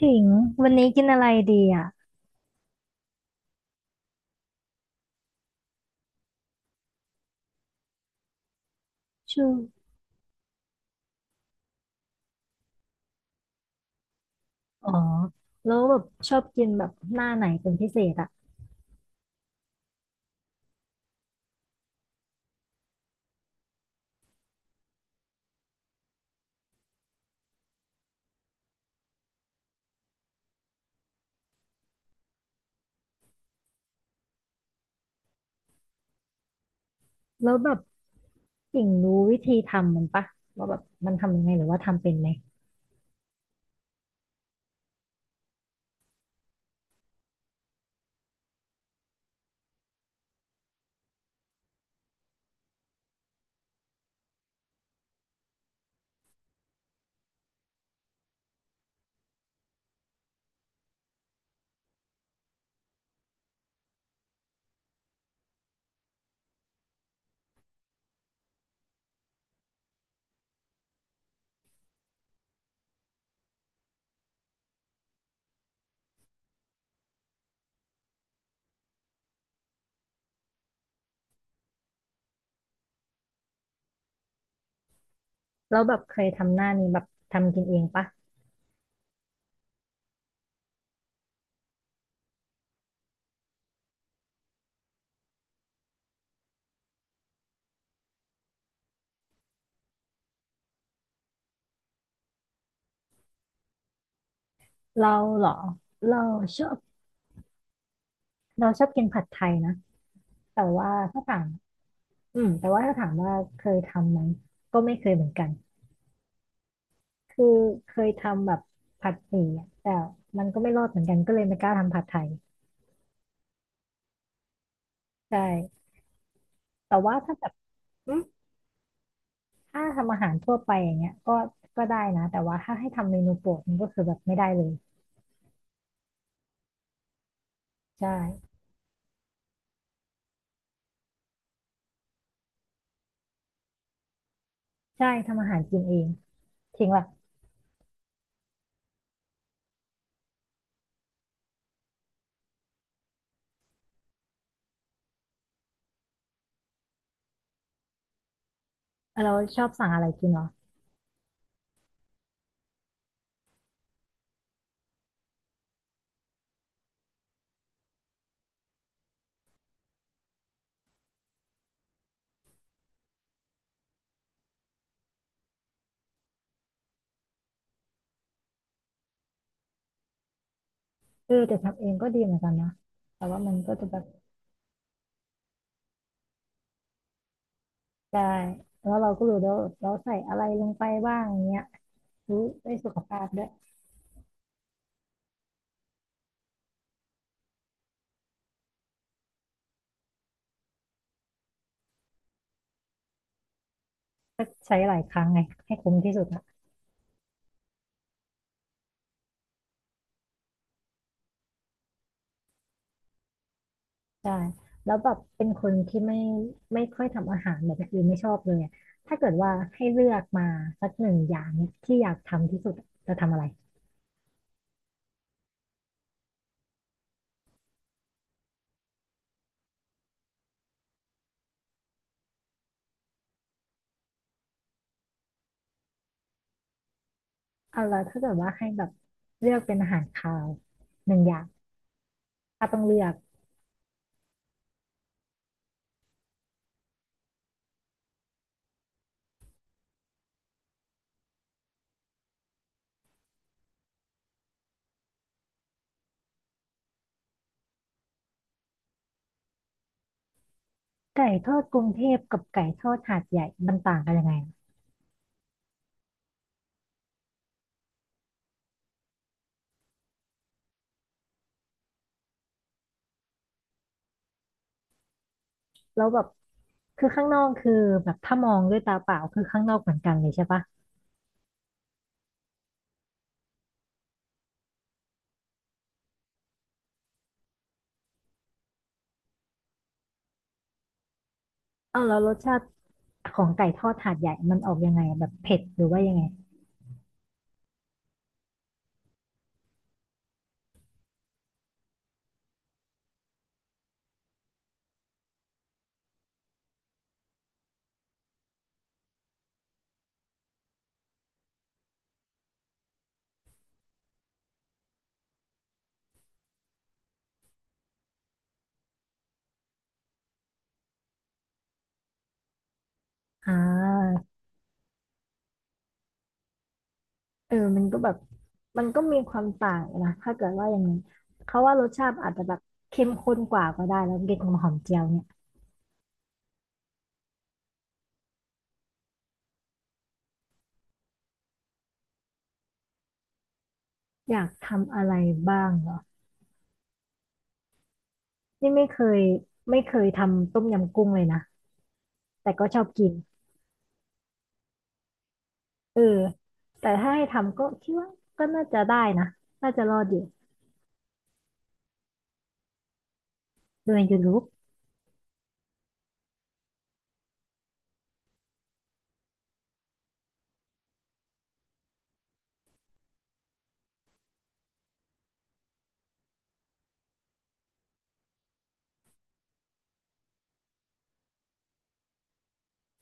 ถิงวันนี้กินอะไรดีอ่ะชื่ออ๋อแล้วแบบชอบกินแบบหน้าไหนเป็นพิเศษอ่ะแล้วแบบถิงรู้วิธีทำมันปะว่าแบบมันทำยังไงหรือว่าทำเป็นไหมแล้วแบบเคยทำหน้านี้แบบทำกินเองปะเราเหรอเราชอบเราชอบกินผัดไทยนะแต่ว่าถ้าถามอืมแต่ว่าถ้าถามว่าเคยทำไหมก็ไม่เคยเหมือนกันคือเคยทำแบบผัดหมี่อะแต่มันก็ไม่รอดเหมือนกันก็เลยไม่กล้าทำผัดไทยใช่แต่ว่าถ้าแบบอืม ถ้าทำอาหารทั่วไปอย่างเงี้ยก็ได้นะแต่ว่าถ้าให้ทำเมนูโปรดมันก็คือแบบไม่ได้เลยใช่ใช่ทำอาหารกินเองทิ้งแบบเออเราชอบสั่งอะไรกินเหรอเออแต่ทำเองก็ดีเหมือนกันนะแต่ว่ามันก็จะแบบได้แล้วเราก็รู้แล้ววาเราใส่อะไรลงไปบ้างเงี้ยรู้ได้สุขภาพด้วยก็ใช้หลายครั้งไงให้คุ้มที่สุด ใช่แล้วแบบเป็นคนที่ไม่ค่อยทำอาหารแบบอื่นไม่ชอบเลยอะถ้าเกิดว่าให้เลือกมาสักหนึ่งอย่างเนี่ยที่อยากทำที่สุดอะจะทำอะไรเอาละถ้าเกิดว่าให้แบบเลือกเป็นอาหารคาวหนึ่งอย่างถ้าต้องเลือกไก่ทอดกรุงเทพกับไก่ทอดหาดใหญ่มันต่างกันยังไงอะแล้วแบบคือข้างนอกคือแบบถ้ามองด้วยตาเปล่าคือข้างนอกเหมือนกันเลยใช่ปะเอาแล้วรสชาติของไก่ทอดหาดใหญ่มันออกยังไงอะแบบเผ็ดหรือว่ายังไงอ่า เออมันก็แบบมันก็มีความต่างนะถ้าเกิดว่าอย่างนี้เขาว่ารสชาติอาจจะแบบเข้มข้นกว่าก็ได้แล้วเด็กของหอมเจียวเนี่ยอยากทำอะไรบ้างเหรอนี่ไม่เคยทำต้มยำกุ้งเลยนะแต่ก็ชอบกินเออแต่ถ้าให้ทำก็คิดว่าก็น่าจะได้นะน่าจะรอดอยู่โดยยูทูบ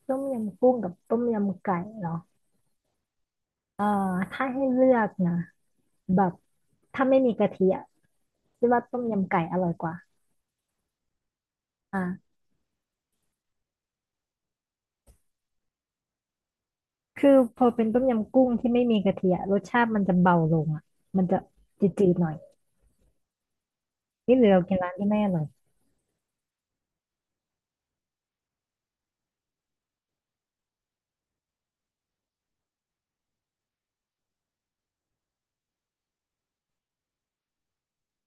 ต้มยำกุ้งกับต้มยำไก่เหรอเออถ้าให้เลือกนะแบบถ้าไม่มีกะทิอะคิดว่าต้มยำไก่อร่อยกว่าอ่า คือพอเป็นต้มยำกุ้งที่ไม่มีกะทิอะรสชาติมันจะเบาลงอ่ะมันจะจืดๆหน่อยนี่หรือเรากินร้านที่แม่อร่อย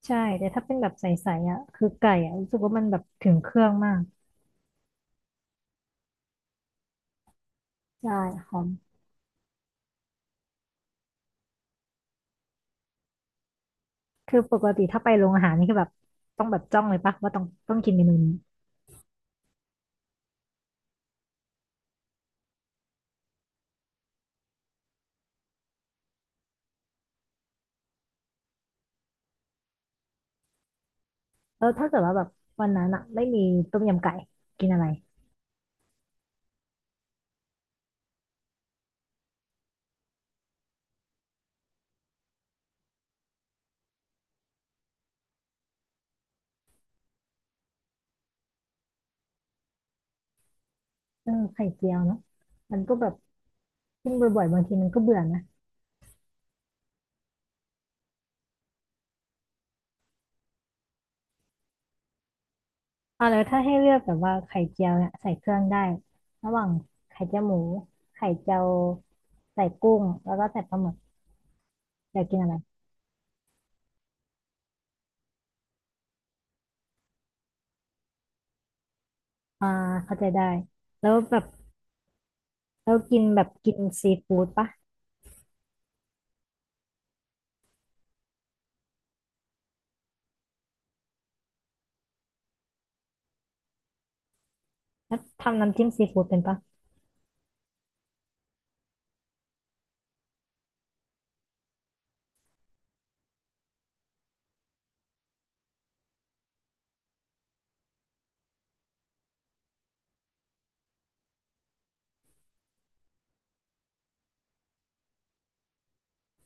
ใช่แต่ถ้าเป็นแบบใสๆอ่ะคือไก่อ่ะรู้สึกว่ามันแบบถึงเครื่องมากใช่หอมคือปกติถ้าไปโรงอาหารนี่คือแบบต้องแบบจ้องเลยปะว่าต้องกินเมนูนี้แล้วถ้าเกิดว่าแบบวันนั้นอ่ะไม่มีต้มยำไก่กินอะไรเออไข่เจียวเนาะมันก็แบบกินบ่อยๆบางทีมันก็เบื่อนะ อ่าแล้วถ้าให้เลือกแบบว่าไข่เจียวเนี่ยใส่เครื่องได้ระหว่างไข่เจียวหมูไข่เจียวใส่กุ้งแล้วก็ใส่ปลาหมึกอยากกินอะไรอ่าเข้าใจได้แล้วแบบแล้วกินแบบกินซีฟู้ดปะแล้วทำน้ำจิ้มซีฟู้ดเป็นปะ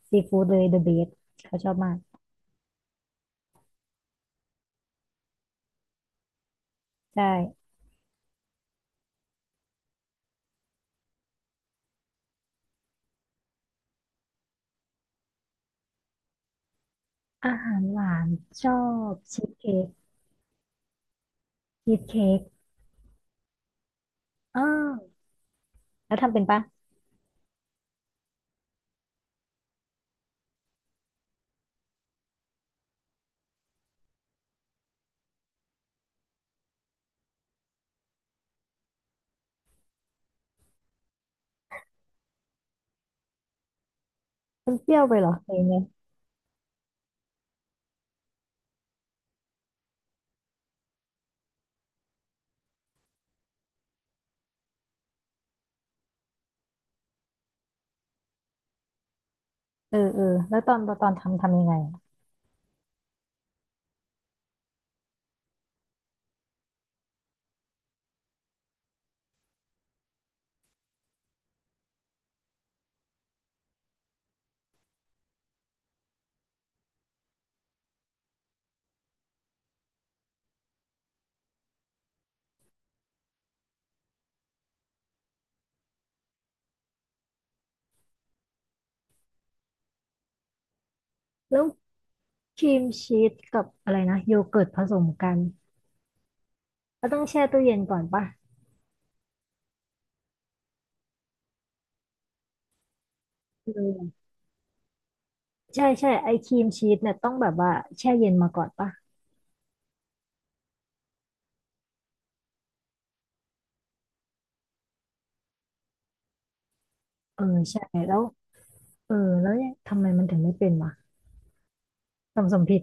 ซีฟู้ดเลยเดอะเบสเขาชอบมากใช่อาหารหวานชอบชีสเค้กชีสเค้กอ้าวแล้วทำเป็นปะมันเปรี้ยวไปเหรอเองเนี่ยเออแล้วตอนทำทำยังไงอะแล้ว ครีมชีสกับอะไรนะโยเกิร์ตผสมกันก็ต้องแช่ตู้เย็นก่อนปะเออใช่ไอครีมชีสเนี่ยต้องแบบว่าแช่เย็นมาก่อนปะเออใช่แล้วเออแล้วเนี่ยทำไมมันถึงไม่เป็นวะทำสมผิด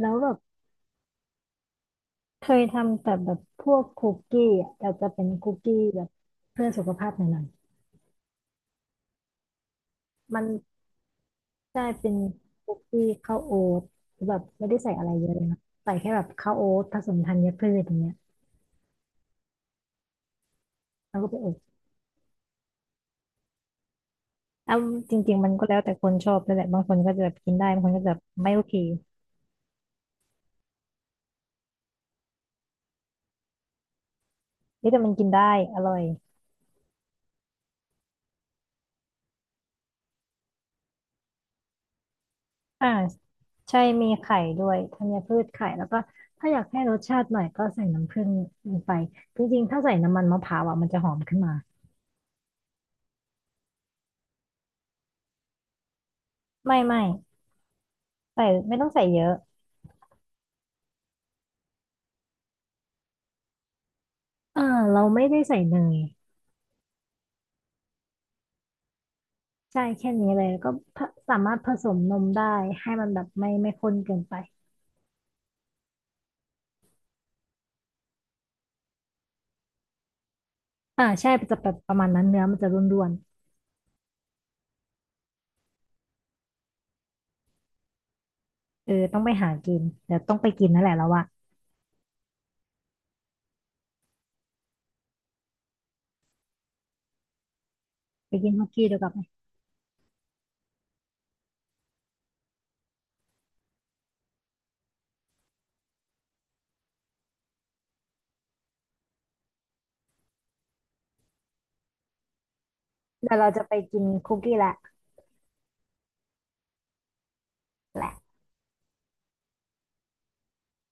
แล้วแบบเคยทำแต่แบบพวกคุกกี้อ่ะแต่จะเป็นคุกกี้แบบเพื่อสุขภาพหน่อยๆมันได้เป็นคุกกี้ข้าวโอ๊ตแบบไม่ได้ใส่อะไรเยอะเลยนะใส่แค่แบบข้าวโอ๊ตผสมธัญพืชอย่างเงี้ยแล้วก็ไปอบ อ้าจริงๆมันก็แล้วแต่คนชอบด้วยแหละบางคนก็จะแบบกินได้บางคนก็จะแบบไม่โอเคเฮ้ยแต่มันกินได้อร่อยอ่าใช่มีไข่ด้วยธัญพืชไข่แล้วก็ถ้าอยากให้รสชาติหน่อยก็ใส่น้ำผึ้งลงไปจริงๆถ้าใส่น้ำมันมะพร้าวอ่ะมันจะหอมขึ้นมาไม่ใส่ไม่ต้องใส่เยอะอ่าเราไม่ได้ใส่เนยใช่แค่นี้เลยแล้วก็ผสามารถผสมนมได้ให้มันแบบไม่ข้นเกินไปอ่าใช่จะแบบประมาณนั้นเนื้อมันจะร่วนๆเออต้องไปหากินเดี๋ยวต้องไปกินนั่นแหละแล้วว่า ไปกินฮอกกี้ดีกว่าไหมเดี๋ยวเราจะไปกินคุกกี้ละแหละ